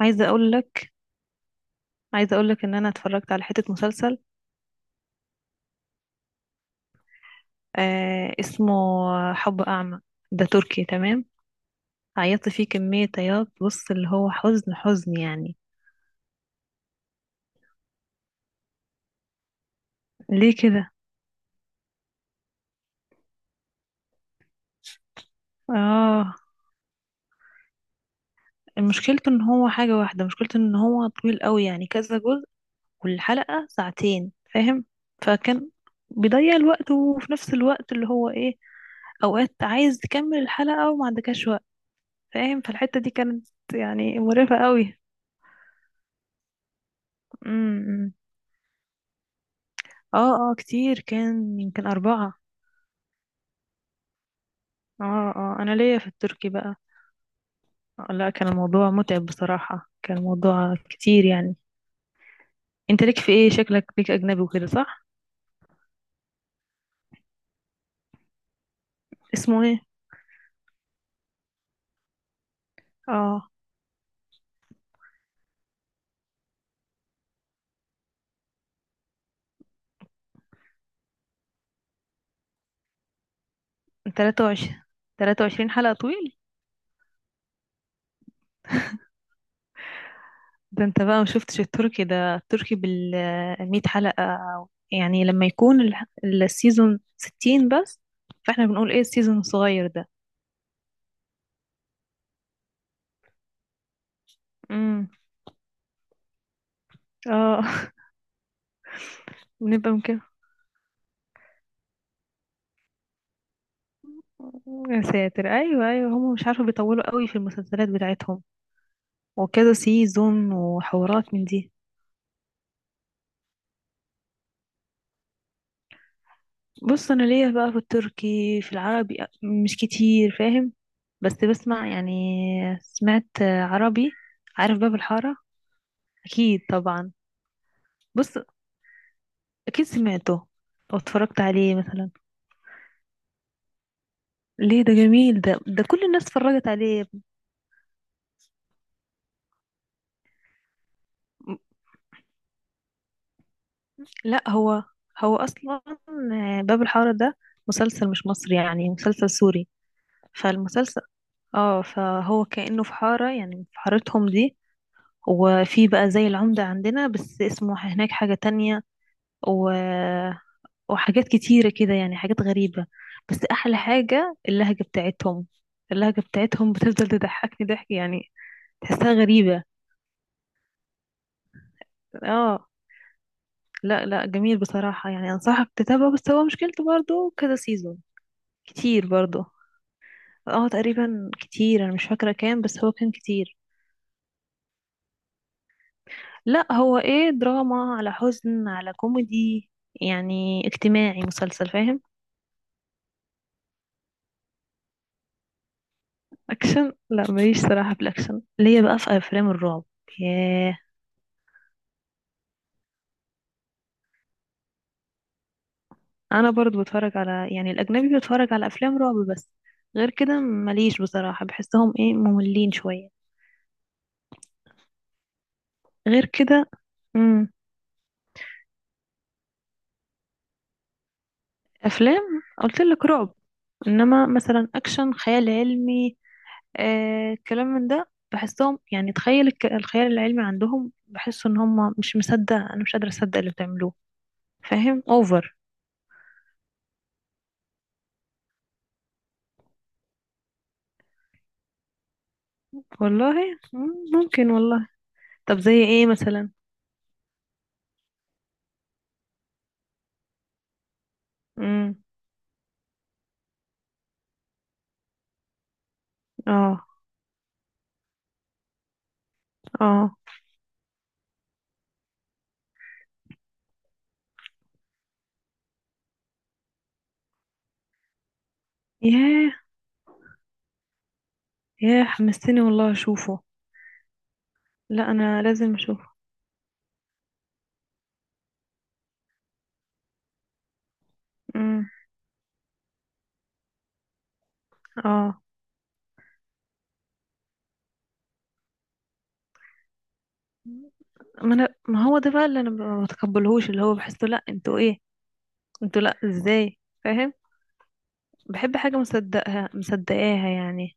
عايزة اقول لك عايزة اقول لك ان انا اتفرجت على حتة مسلسل. اسمه حب اعمى. ده تركي تمام. عيطت فيه كمية عياط. بص، اللي هو حزن حزن يعني. ليه كده؟ اه، مشكلته ان هو طويل قوي، يعني كذا جزء والحلقة ساعتين، فاهم؟ فكان بيضيع الوقت، وفي نفس الوقت اللي هو ايه، اوقات عايز تكمل الحلقة وما عندكش وقت، فاهم. فالحتة دي كانت يعني مرهقة قوي. امم امم. اه اه، كتير، كان يمكن أربعة. اه اه، أنا ليا في التركي بقى. آه، لا، كان الموضوع متعب بصراحة، كان الموضوع كتير يعني. انت ليك في ايه؟ شكلك ليك أجنبي وكده، صح؟ اسمه ايه؟ اه، تلاتة وعشرين تلاتة وعشرين حلقة طويل. ده انت بقى مشفتش التركي، ده التركي بالمية حلقة، يعني لما يكون السيزون 60 بس. فاحنا بنقول ايه السيزون الصغير ده. امم اه. بنبقى يا ساتر، ايوه ايوه، هم مش عارفه بيطولوا قوي في المسلسلات بتاعتهم وكذا سيزون وحوارات من دي. بص انا ليا بقى في التركي، في العربي مش كتير، فاهم. بس بسمع يعني. سمعت عربي، عارف باب الحاره؟ اكيد طبعا. بص، اكيد سمعته او اتفرجت عليه مثلا. ليه؟ ده جميل، ده كل الناس اتفرجت عليه. م- لا، هو اصلا باب الحاره ده مسلسل مش مصري، يعني مسلسل سوري. فالمسلسل، اه فهو كأنه في حارة، يعني في حارتهم دي، وفي بقى زي العمدة عندنا بس اسمه هناك حاجة تانية، و... وحاجات كتيرة كده، يعني حاجات غريبة. بس أحلى حاجة اللهجة بتاعتهم. اللهجة بتاعتهم بتفضل تضحكني ضحك يعني، تحسها غريبة. اه، لا لا، جميل بصراحة، يعني أنصحك تتابعه، بس هو مشكلته برضه كذا سيزون، كتير برضه. اه، تقريبا كتير، أنا مش فاكرة كام، بس هو كان كتير. لا، هو ايه، دراما على حزن على كوميدي، يعني اجتماعي، مسلسل فاهم. اكشن لا، ماليش صراحة في الاكشن، ليا بقى في افلام الرعب. ياه. انا برضو بتفرج على يعني الاجنبي، بتفرج على افلام رعب بس، غير كده ماليش بصراحة، بحسهم ايه، مملين شوية. غير كده. امم افلام، قلت لك رعب، انما مثلا اكشن خيال علمي، الكلام من ده، بحسهم يعني تخيل الخيال العلمي عندهم، بحس ان هم مش مصدق، انا مش قادرة اصدق اللي بتعملوه، فاهم؟ اوفر. والله ممكن والله. طب زي ايه مثلا؟ امم اه. اه ياه ياه، حمستني والله اشوفه، لا انا لازم اشوفه. امم اه. ما انا، ما هو ده بقى اللي انا ما بتقبلهوش، اللي هو بحسه، لا انتوا ايه، انتوا لا، ازاي؟ فاهم. بحب حاجة مصدقها مصدقاها يعني.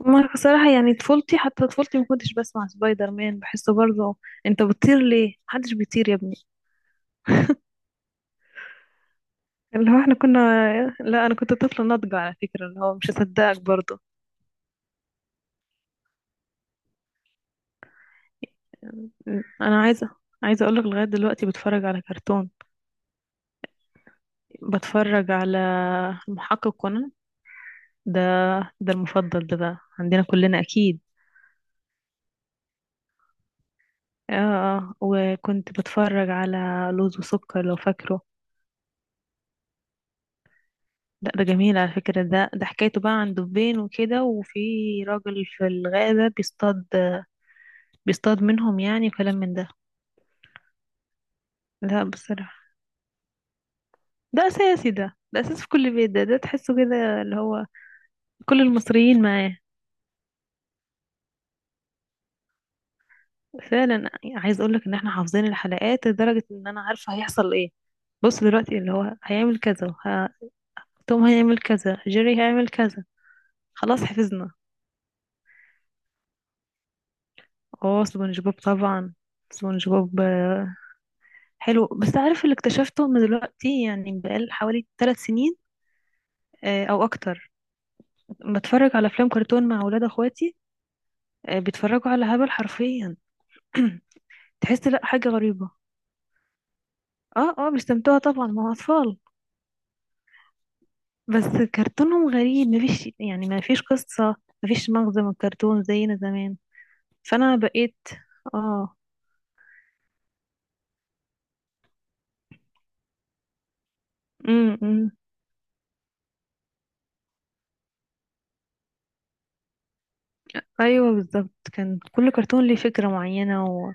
ما صراحة، يعني طفولتي، حتى طفولتي ما كنتش بسمع سبايدر مان، بحسه برضه انت بتطير ليه، محدش بيطير يا ابني. اللي هو احنا كنا، لا انا كنت طفلة ناضجة على فكرة، اللي هو مش هصدقك برضه. انا عايزة اقولك لغاية دلوقتي بتفرج على كرتون. بتفرج على المحقق كونان. ده ده المفضل ده بقى عندنا كلنا اكيد. اه آه. وكنت بتفرج على لوز وسكر لو فاكره. لا، ده جميل على فكرة، ده حكايته بقى عن دبين وكده، وفي راجل في الغابة بيصطاد، بيصطاد منهم يعني، وكلام من ده. لا بصراحة، ده أساسي، ده أساس في كل بيت، ده تحسه كده اللي هو كل المصريين معاه. فعلا. عايز أقولك إن احنا حافظين الحلقات لدرجة إن أنا عارفة هيحصل إيه. بص دلوقتي اللي هو هيعمل كذا، توم هيعمل كذا، جيري هيعمل كذا، خلاص حفظنا. اه سبونج بوب طبعا. سبونج بوب، آه، حلو. بس عارف اللي اكتشفته، ان دلوقتي يعني بقال حوالي 3 سنين، او اكتر، بتفرج على افلام كرتون مع اولاد اخواتي، بيتفرجوا على هبل حرفيا. تحس لا، حاجة غريبة. اه اه، بيستمتعوا طبعا، ما هو اطفال، بس كرتونهم غريب، يعني مفيش قصة، مفيش مغزى من الكرتون زينا زمان، فانا بقيت اه أمم. ايوه بالظبط، كان كل كرتون ليه فكرة معينة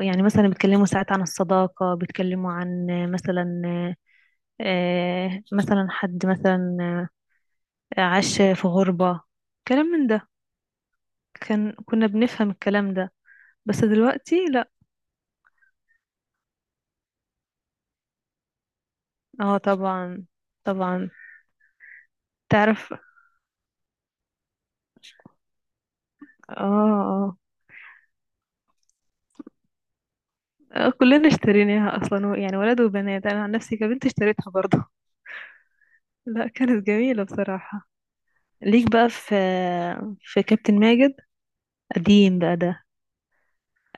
يعني مثلا بيتكلموا ساعات عن الصداقة، بيتكلموا عن مثلا، مثلا حد مثلا عاش في غربة، كلام من ده. كان كنا بنفهم الكلام ده، بس دلوقتي لا. اه طبعا، طبعا. تعرف، اه اه. آه، كلنا اشتريناها اصلا يعني ولد وبنات، انا عن نفسي كبنت اشتريتها برضه. لا، كانت جميلة بصراحة. ليك بقى في، في كابتن ماجد، قديم بقى ده،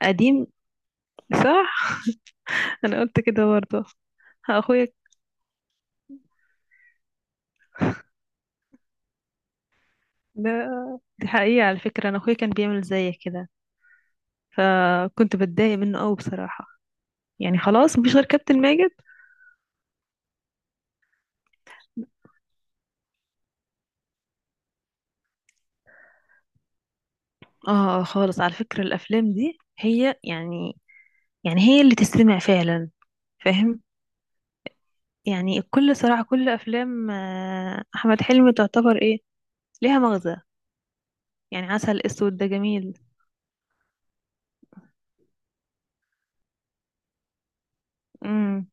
قديم، صح؟ انا قلت كده برضه. اخويا ده، دي حقيقة على فكرة، انا اخويا كان بيعمل زيك كده، فكنت بتضايق منه قوي بصراحة، يعني خلاص مفيش غير كابتن ماجد. اه خالص، على فكرة الافلام دي هي يعني، يعني هي اللي تستمع فعلا، فاهم. يعني صراحة كل افلام احمد حلمي تعتبر ايه، ليها مغزى، يعني عسل اسود ده جميل. امم.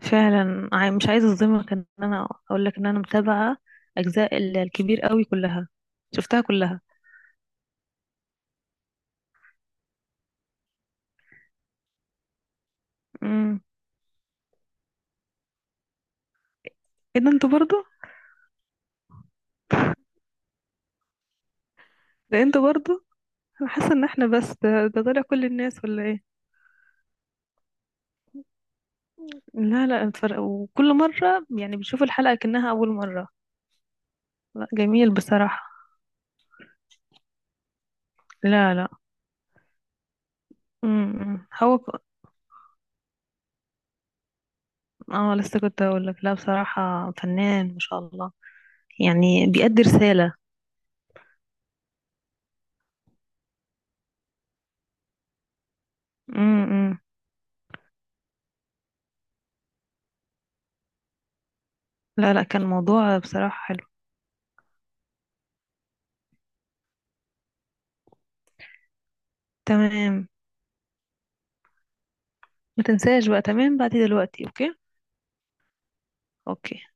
فعلا، مش عايزة اظلمك، ان انا اقول لك ان انا متابعة اجزاء الكبير قوي كلها، شفتها كلها. امم ايه ده انتوا برضو انا حاسة ان احنا بس ده طلع كل الناس، ولا ايه؟ لا لا، اتفرج وكل مرة يعني بشوف الحلقة كأنها أول مرة. لا جميل بصراحة. لا لا. امم هو ك... اه لسه كنت هقول لك. لا بصراحة، فنان ما شاء الله، يعني بيأدي رسالة. امم، لا لا، كان موضوع بصراحة حلو. تمام. ما تنساش بقى، تمام بعد دلوقتي، اوكي. اوكي.